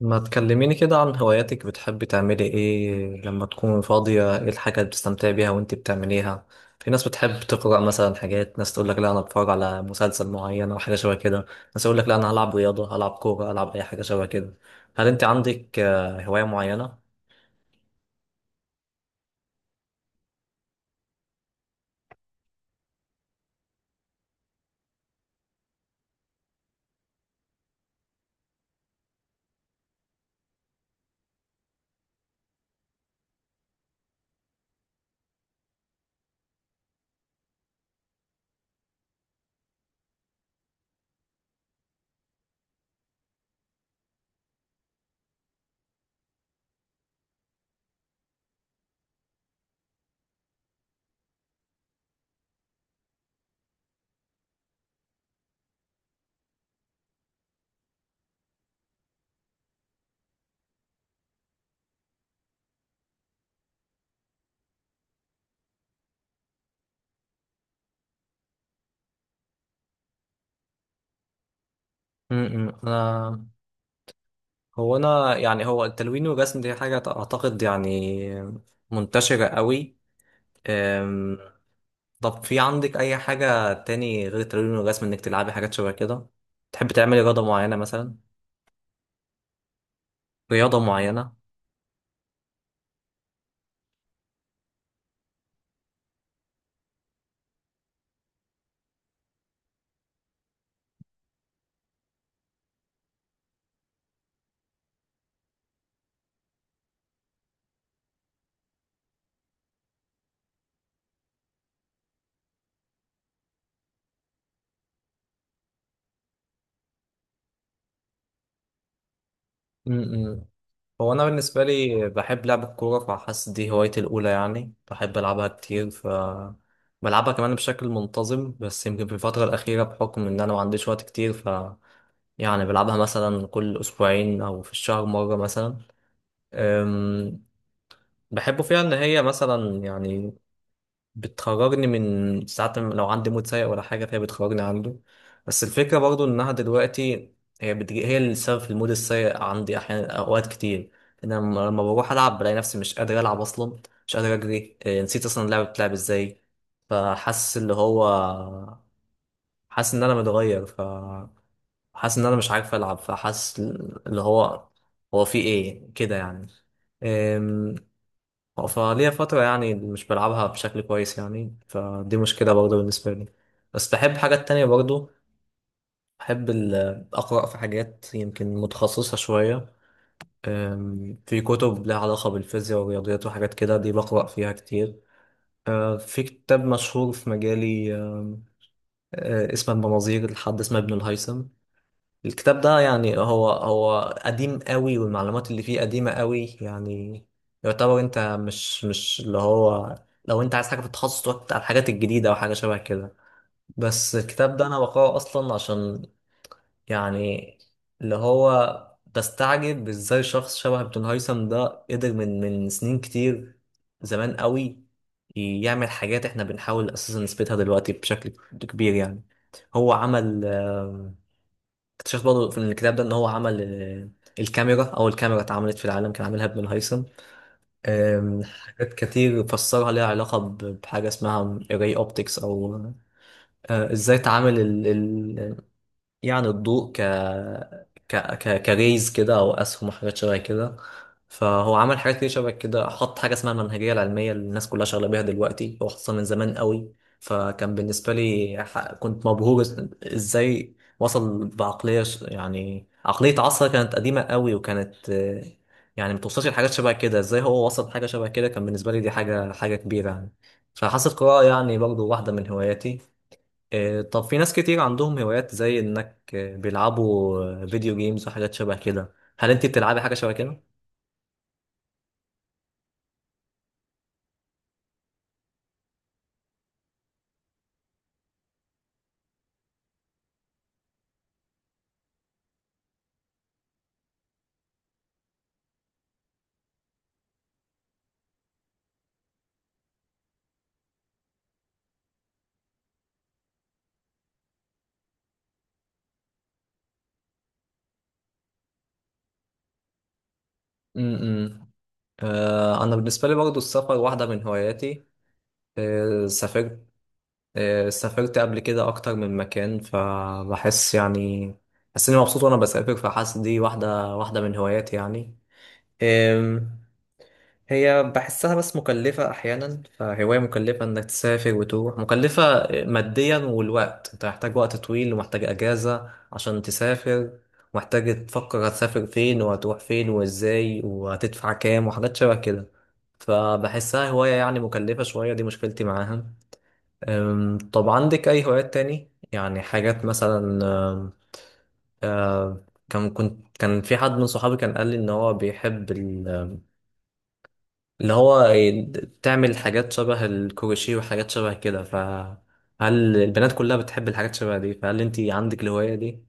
ما تكلميني كده عن هواياتك، بتحبي تعملي ايه لما تكون فاضية؟ ايه الحاجة اللي بتستمتعي بيها وانت بتعمليها؟ في ناس بتحب تقرأ مثلا حاجات، ناس تقول لك لا انا بتفرج على مسلسل معين او حاجة شبه كده، ناس يقول لك لا انا هلعب رياضة، هلعب كورة، هلعب اي حاجة شبه كده. هل انت عندك هواية معينة؟ انا، هو انا يعني هو التلوين والرسم دي حاجة اعتقد يعني منتشرة قوي. طب في عندك اي حاجة تاني غير التمرين والرسم؟ انك تلعبي حاجات شبه كده، تحب تعملي رياضة معينة مثلا؟ رياضة معينة. امم هو انا بالنسبة لي بحب لعب الكورة، فحاسس دي هوايتي الاولى يعني، بحب العبها كتير، ف بلعبها كمان بشكل منتظم. بس يمكن في الفترة الأخيرة بحكم إن أنا ما عنديش وقت كتير، ف يعني بلعبها مثلا كل أسبوعين أو في الشهر مرة مثلا. أم، بحب فيها إن هي مثلا يعني بتخرجني من ساعات، لو عندي مود سيء ولا حاجة فهي بتخرجني عنده. بس الفكرة برضو إنها دلوقتي هي بتجي هي السبب في المود السيء عندي أحيانا أوقات كتير. إن أنا لما بروح ألعب بلاقي نفسي مش قادر ألعب أصلا، مش قادر أجري، نسيت أصلا اللعبة بتلعب إزاي. فحاسس اللي هو، حاسس إن أنا متغير، فحاسس إن أنا مش عارف ألعب، فحاسس اللي هو هو في إيه كده يعني. فليا فترة يعني مش بلعبها بشكل كويس يعني، فدي مشكلة برضه بالنسبة لي. بس بحب حاجات تانية برضه، بحب أقرأ في حاجات يمكن متخصصة شوية. في كتب لها علاقة بالفيزياء والرياضيات وحاجات كده، دي بقرأ فيها كتير. في كتاب مشهور في مجالي، أم، أه، اسمه المناظير لحد اسمه ابن الهيثم. الكتاب ده يعني هو قديم قوي والمعلومات اللي فيه قديمة قوي يعني، يعتبر انت مش اللي هو، لو انت عايز حاجة في التخصص تقعد على الحاجات الجديدة او حاجة شبه كده. بس الكتاب ده انا بقراه اصلا عشان يعني اللي هو بستعجب ازاي شخص شبه ابن هيثم ده قدر من سنين كتير، زمان قوي، يعمل حاجات احنا بنحاول اساسا نثبتها دلوقتي بشكل كبير يعني. هو عمل اكتشفت برضه في الكتاب ده ان هو عمل الكاميرا، اول كاميرا اتعملت في العالم كان عاملها ابن الهيثم. حاجات كتير فسرها ليها علاقة بحاجة اسمها array optics، او ازاي تعامل يعني الضوء ك كريز كده او اسهم وحاجات شبه كده. فهو عمل حاجات كتير شبه كده، حط حاجه اسمها المنهجيه العلميه اللي الناس كلها شغاله بيها دلوقتي، هو حطها من زمان قوي. فكان بالنسبه لي كنت مبهور، ازاي وصل بعقليه يعني عقليه عصر كانت قديمه قوي، وكانت يعني متوصلش لحاجات شبه كده، ازاي هو وصل لحاجه شبه كده، كان بالنسبه لي دي حاجه كبيره يعني. فحاسة القراءة يعني برضو واحدة من هواياتي. طب في ناس كتير عندهم هوايات زي انك بيلعبوا فيديو جيمز وحاجات شبه كده، هل انت بتلعبي حاجة شبه كده؟ امم انا بالنسبة لي برضو السفر واحدة من هواياتي. سافرت سافرت قبل كده اكتر من مكان، فبحس يعني بحس اني مبسوط وانا بسافر، فحاسس دي واحدة من هواياتي يعني. هي بحسها بس مكلفة أحيانا، فهواية مكلفة إنك تسافر وتروح، مكلفة ماديا، والوقت أنت محتاج وقت طويل ومحتاج أجازة عشان تسافر. محتاج تفكر هتسافر فين وهتروح فين وإزاي وهتدفع كام وحاجات شبه كده، فبحسها هواية يعني مكلفة شوية، دي مشكلتي معاها. طب عندك أي هوايات تاني؟ يعني حاجات مثلا. أم، أم، كان كنت كان في حد من صحابي كان قال لي إن هو بيحب اللي هو تعمل حاجات شبه الكروشيه وحاجات شبه كده، فهل البنات كلها بتحب الحاجات شبه دي؟ فهل انت عندك الهواية دي؟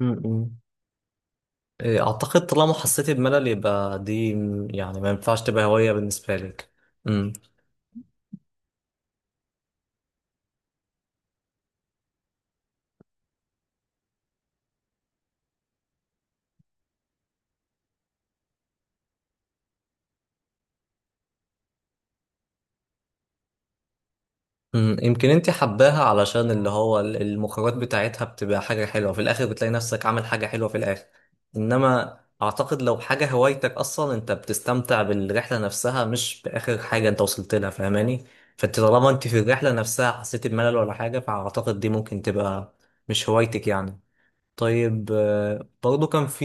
م-م. إيه، اعتقد طالما حسيتي بملل يبقى دي يعني ما ينفعش تبقى هواية بالنسبة لك. مم. مم، يمكن انت حباها علشان اللي هو المخرجات بتاعتها بتبقى حاجة حلوة في الآخر، بتلاقي نفسك عامل حاجة حلوة في الآخر. إنما أعتقد لو حاجة هوايتك أصلا أنت بتستمتع بالرحلة نفسها، مش بآخر حاجة أنت وصلت لها، فاهماني؟ فأنت طالما أنت في الرحلة نفسها حسيت بملل ولا حاجة، فأعتقد دي ممكن تبقى مش هوايتك يعني. طيب برضو كان في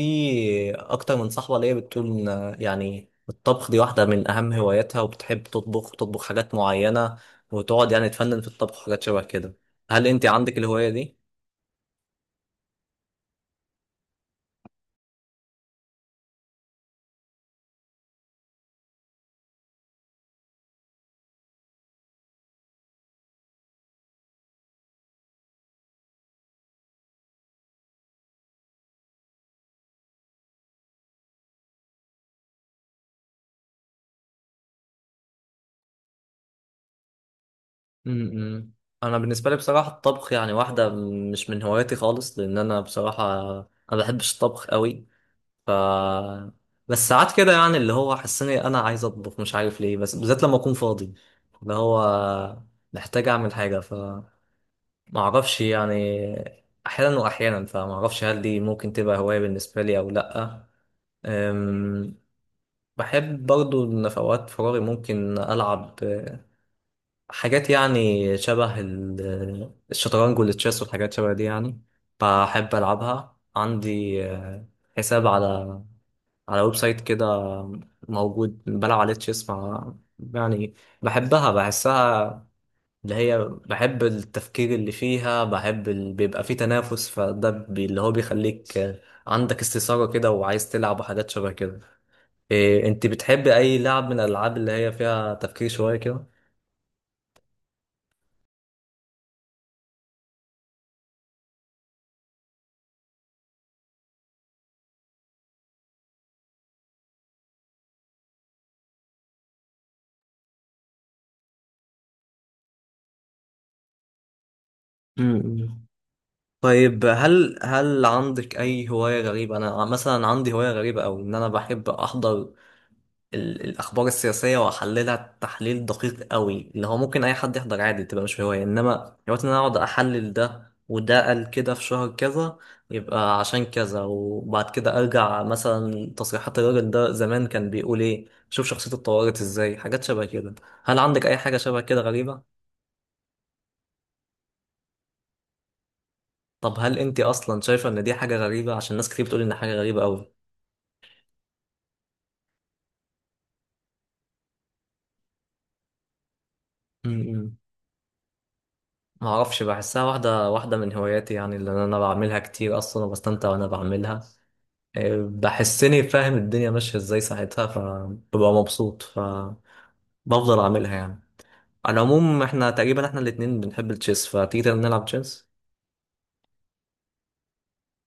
اكتر من صاحبة ليا بتقول إن، يعني الطبخ دي واحدة من اهم هواياتها، وبتحب تطبخ وتطبخ حاجات معينة، وتقعد يعني تفنن في الطبخ وحاجات شبه كده، هل انت عندك الهواية دي؟ امم انا بالنسبة لي بصراحة الطبخ يعني واحدة مش من هواياتي خالص، لان انا بصراحة ما بحبش الطبخ قوي. ف بس ساعات كده يعني اللي هو حسني انا عايز اطبخ، مش عارف ليه، بس بالذات لما اكون فاضي اللي هو محتاج اعمل حاجة، ما اعرفش يعني، احيانا واحيانا، فما اعرفش هل دي ممكن تبقى هواية بالنسبة لي او لا. أم، بحب برضو ان في اوقات فراغي ممكن العب حاجات يعني شبه الشطرنج والتشيس والحاجات شبه دي يعني، بحب العبها. عندي حساب على على ويب سايت كده موجود، بلعب عليه تشيس مع يعني، بحبها بحسها اللي هي، بحب التفكير اللي فيها، بحب بيبقى فيه تنافس، فده اللي هو بيخليك عندك استثارة كده وعايز تلعب وحاجات شبه كده. انت بتحب اي لعب من الالعاب اللي هي فيها تفكير شوية كده؟ امم طيب هل عندك اي هواية غريبة؟ انا مثلا عندي هواية غريبة، او ان انا بحب احضر الأخبار السياسية وأحللها تحليل دقيق قوي، اللي هو ممكن أي حد يحضر عادي تبقى مش هواية، إنما دلوقتي إن أنا أقعد أحلل ده وده قال كده في شهر كذا يبقى عشان كذا، وبعد كده أرجع مثلا تصريحات الراجل ده زمان كان بيقول إيه، شوف شخصيته اتطورت إزاي، حاجات شبه كده. هل عندك أي حاجة شبه كده غريبة؟ طب هل أنت أصلا شايفة إن دي حاجة غريبة، عشان ناس كتير بتقول إن حاجة غريبة قوي؟ امم ما اعرفش، بحسها واحده من هواياتي يعني، اللي انا بعملها كتير اصلا وبستمتع وانا بعملها، بحسني فاهم الدنيا ماشية ازاي ساعتها، فببقى مبسوط فبفضل اعملها يعني. على العموم احنا تقريبا احنا الاتنين بنحب التشيس، فتيجي نلعب تشيس.